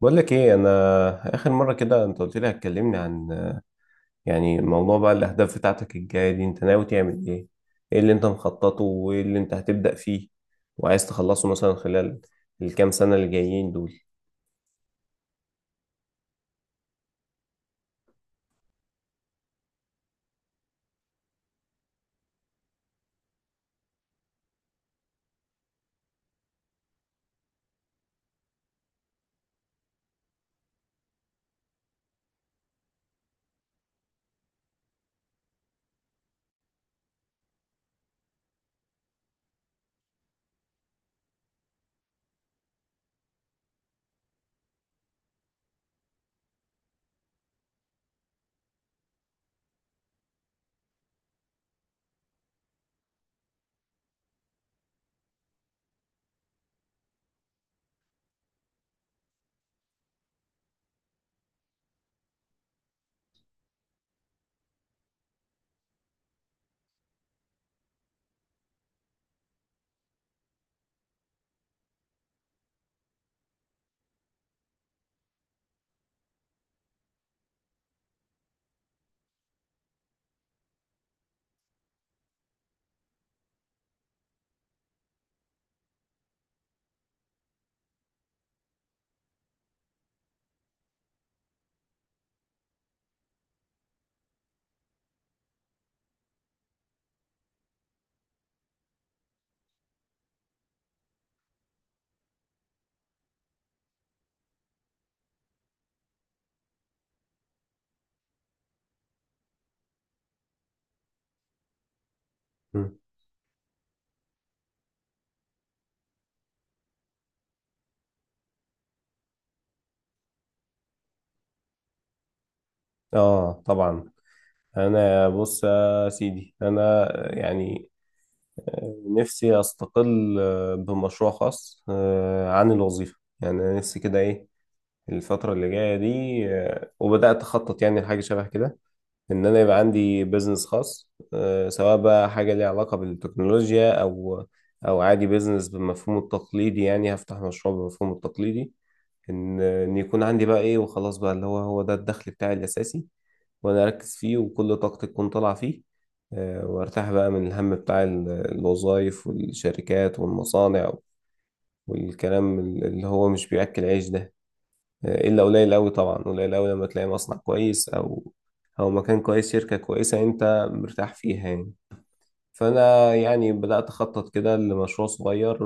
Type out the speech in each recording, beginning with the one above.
بقول لك ايه، انا اخر مره كده انت قلت لي هتكلمني عن يعني موضوع، بقى الاهداف بتاعتك الجايه دي انت ناوي تعمل ايه؟ ايه اللي انت مخططه وايه اللي انت هتبدا فيه وعايز تخلصه مثلا خلال الكام سنه اللي جايين دول؟ مم. اه، طبعا. انا بص يا سيدي، انا يعني نفسي استقل بمشروع خاص عن الوظيفه. يعني أنا نفسي كده ايه الفتره اللي جايه دي. وبدات اخطط يعني لحاجه شبه كده، ان انا يبقى عندي بيزنس خاص، سواء بقى حاجه ليها علاقه بالتكنولوجيا او او عادي بيزنس بالمفهوم التقليدي. يعني هفتح مشروع بالمفهوم التقليدي، ان يكون عندي بقى ايه وخلاص، بقى اللي هو ده الدخل بتاعي الاساسي، وانا اركز فيه وكل طاقتي تكون طالعه فيه. وارتاح بقى من الهم بتاع الوظايف والشركات والمصانع، والكلام اللي هو مش بياكل عيش ده، الا قليل قوي. طبعا قليل قوي لما تلاقي مصنع كويس او او مكان كويس، شركة كويسة انت مرتاح فيها يعني. فانا يعني بدأت اخطط كده لمشروع صغير،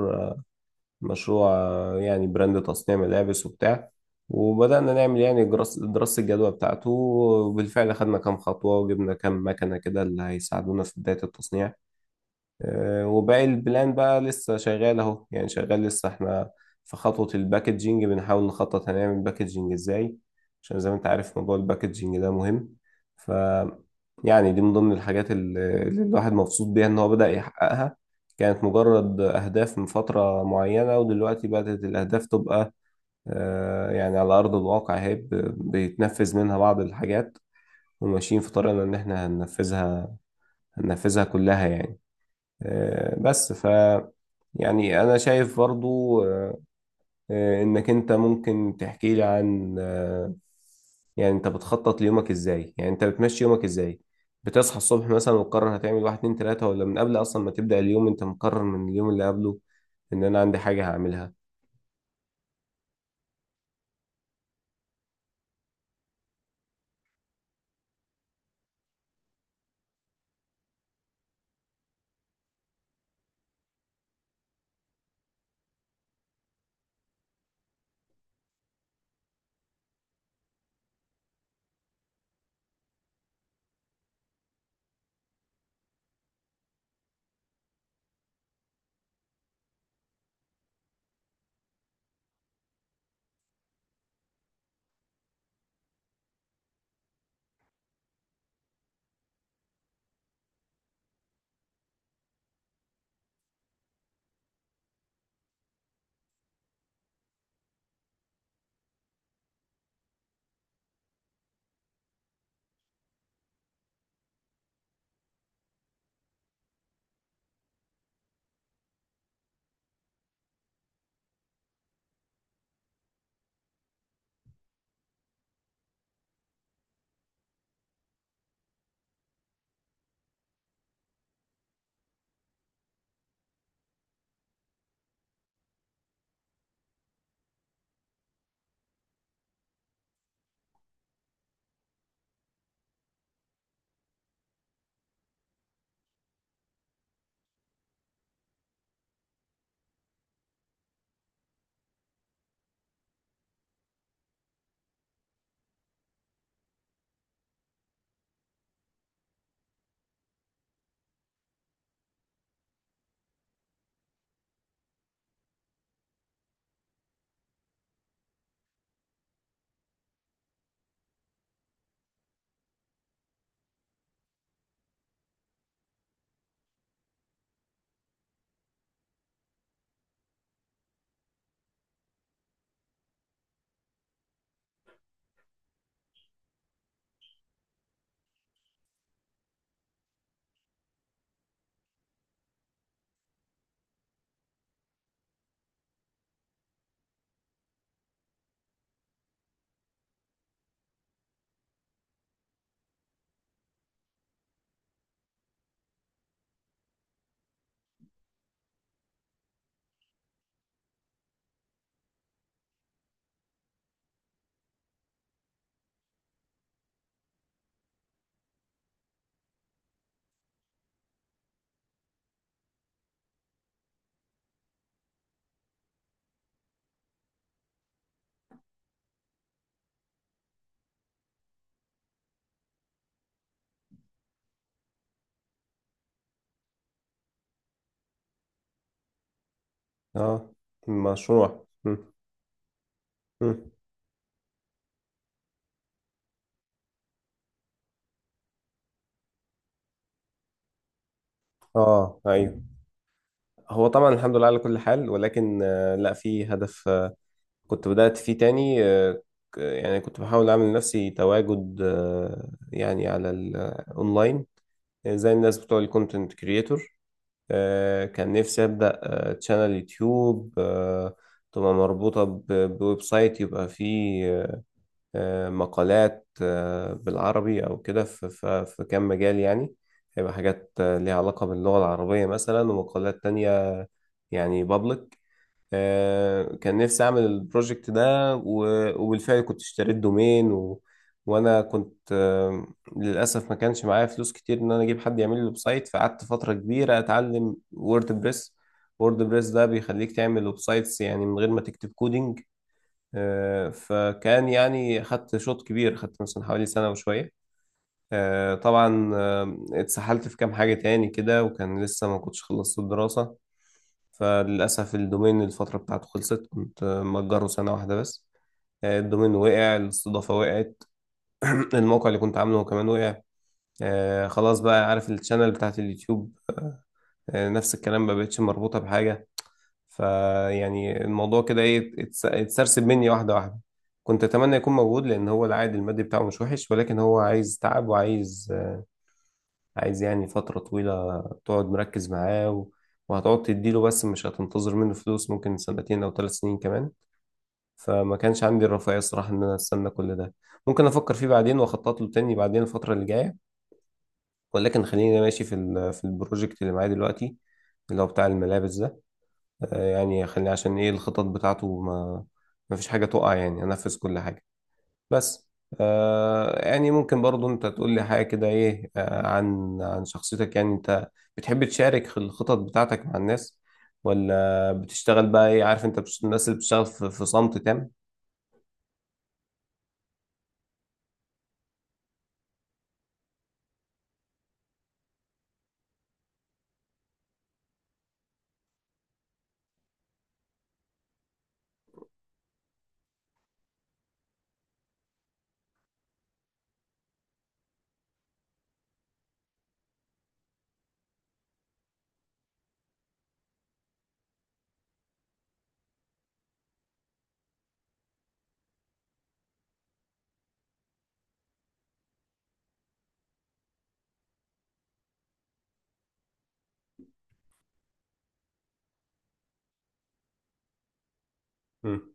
مشروع يعني براند تصنيع ملابس وبتاع. وبدأنا نعمل يعني دراسة الجدوى بتاعته، وبالفعل خدنا كام خطوة وجبنا كام مكنة كده اللي هيساعدونا في بداية التصنيع. وباقي البلان بقى لسه شغال اهو، يعني شغال لسه احنا في خطوة الباكجينج، بنحاول نخطط هنعمل باكجينج ازاي، عشان زي ما انت عارف موضوع الباكجينج ده مهم. ف يعني دي من ضمن الحاجات اللي الواحد مبسوط بيها، ان هو بدأ يحققها. كانت مجرد أهداف من فترة معينة، ودلوقتي بدأت الأهداف تبقى، يعني على أرض الواقع هي بيتنفذ منها بعض الحاجات، وماشيين في طريقنا إن إحنا هننفذها كلها يعني. بس يعني أنا شايف برضو، إنك أنت ممكن تحكي لي عن يعني أنت بتخطط ليومك إزاي؟ يعني أنت بتمشي يومك إزاي؟ بتصحى الصبح مثلا وتقرر هتعمل واحد اتنين تلاتة، ولا من قبل أصلا ما تبدأ اليوم أنت مقرر من اليوم اللي قبله إن أنا عندي حاجة هعملها؟ أه. مشروع م- م. أه، أيوه. هو طبعا الحمد لله على كل حال، ولكن، لا، في هدف كنت بدأت فيه تاني. يعني كنت بحاول أعمل لنفسي تواجد، يعني على الأونلاين زي الناس بتوع الكونتنت كريتور. كان نفسي أبدأ تشانل يوتيوب، تبقى مربوطة بويب سايت، يبقى فيه مقالات بالعربي أو كده، في كام مجال يعني. هيبقى حاجات ليها علاقة باللغة العربية مثلا، ومقالات تانية يعني بابليك. كان نفسي اعمل البروجكت ده وبالفعل كنت اشتريت دومين وانا كنت، للاسف ما كانش معايا فلوس كتير ان انا اجيب حد يعمل لي ويب سايت، فقعدت فتره كبيره اتعلم ووردبريس. ووردبريس ده بيخليك تعمل ويب سايتس يعني من غير ما تكتب كودينج. فكان يعني خدت شوط كبير، خدت مثلا حوالي سنه وشويه. طبعا، اتسحلت في كام حاجه تاني كده، وكان لسه ما كنتش خلصت الدراسه. فللأسف الدومين الفترة بتاعته خلصت، كنت مأجره سنة واحدة بس. الدومين وقع، الاستضافة وقعت. الموقع اللي كنت عامله كمان وقع. خلاص بقى عارف الشانل بتاعت اليوتيوب، نفس الكلام ما بقتش مربوطة بحاجة. فيعني الموضوع كده ايه اتسرسب مني واحدة واحدة. كنت أتمنى يكون موجود، لأن هو العائد المادي بتاعه مش وحش، ولكن هو عايز تعب وعايز، عايز يعني فترة طويلة تقعد مركز معاه، و... وهتقعد تديله بس مش هتنتظر منه فلوس ممكن سنتين أو ثلاث سنين كمان. فما كانش عندي الرفاهية الصراحة إن أنا أستنى كل ده. ممكن أفكر فيه بعدين وأخطط له تاني بعدين الفترة اللي جاية. ولكن خليني ماشي في البروجكت اللي معايا دلوقتي، اللي هو بتاع الملابس ده. يعني خليني عشان إيه الخطط بتاعته ما فيش حاجة تقع يعني، أنفذ كل حاجة بس. يعني ممكن برضو انت تقول لي حاجة كده ايه، عن شخصيتك. يعني انت بتحب تشارك في الخطط بتاعتك مع الناس، ولا بتشتغل بقى ايه، عارف؟ انت الناس اللي بتشتغل في صمت تام. مم.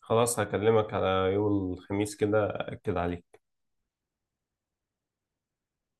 خلاص، هكلمك على يوم الخميس كده، أكد عليك.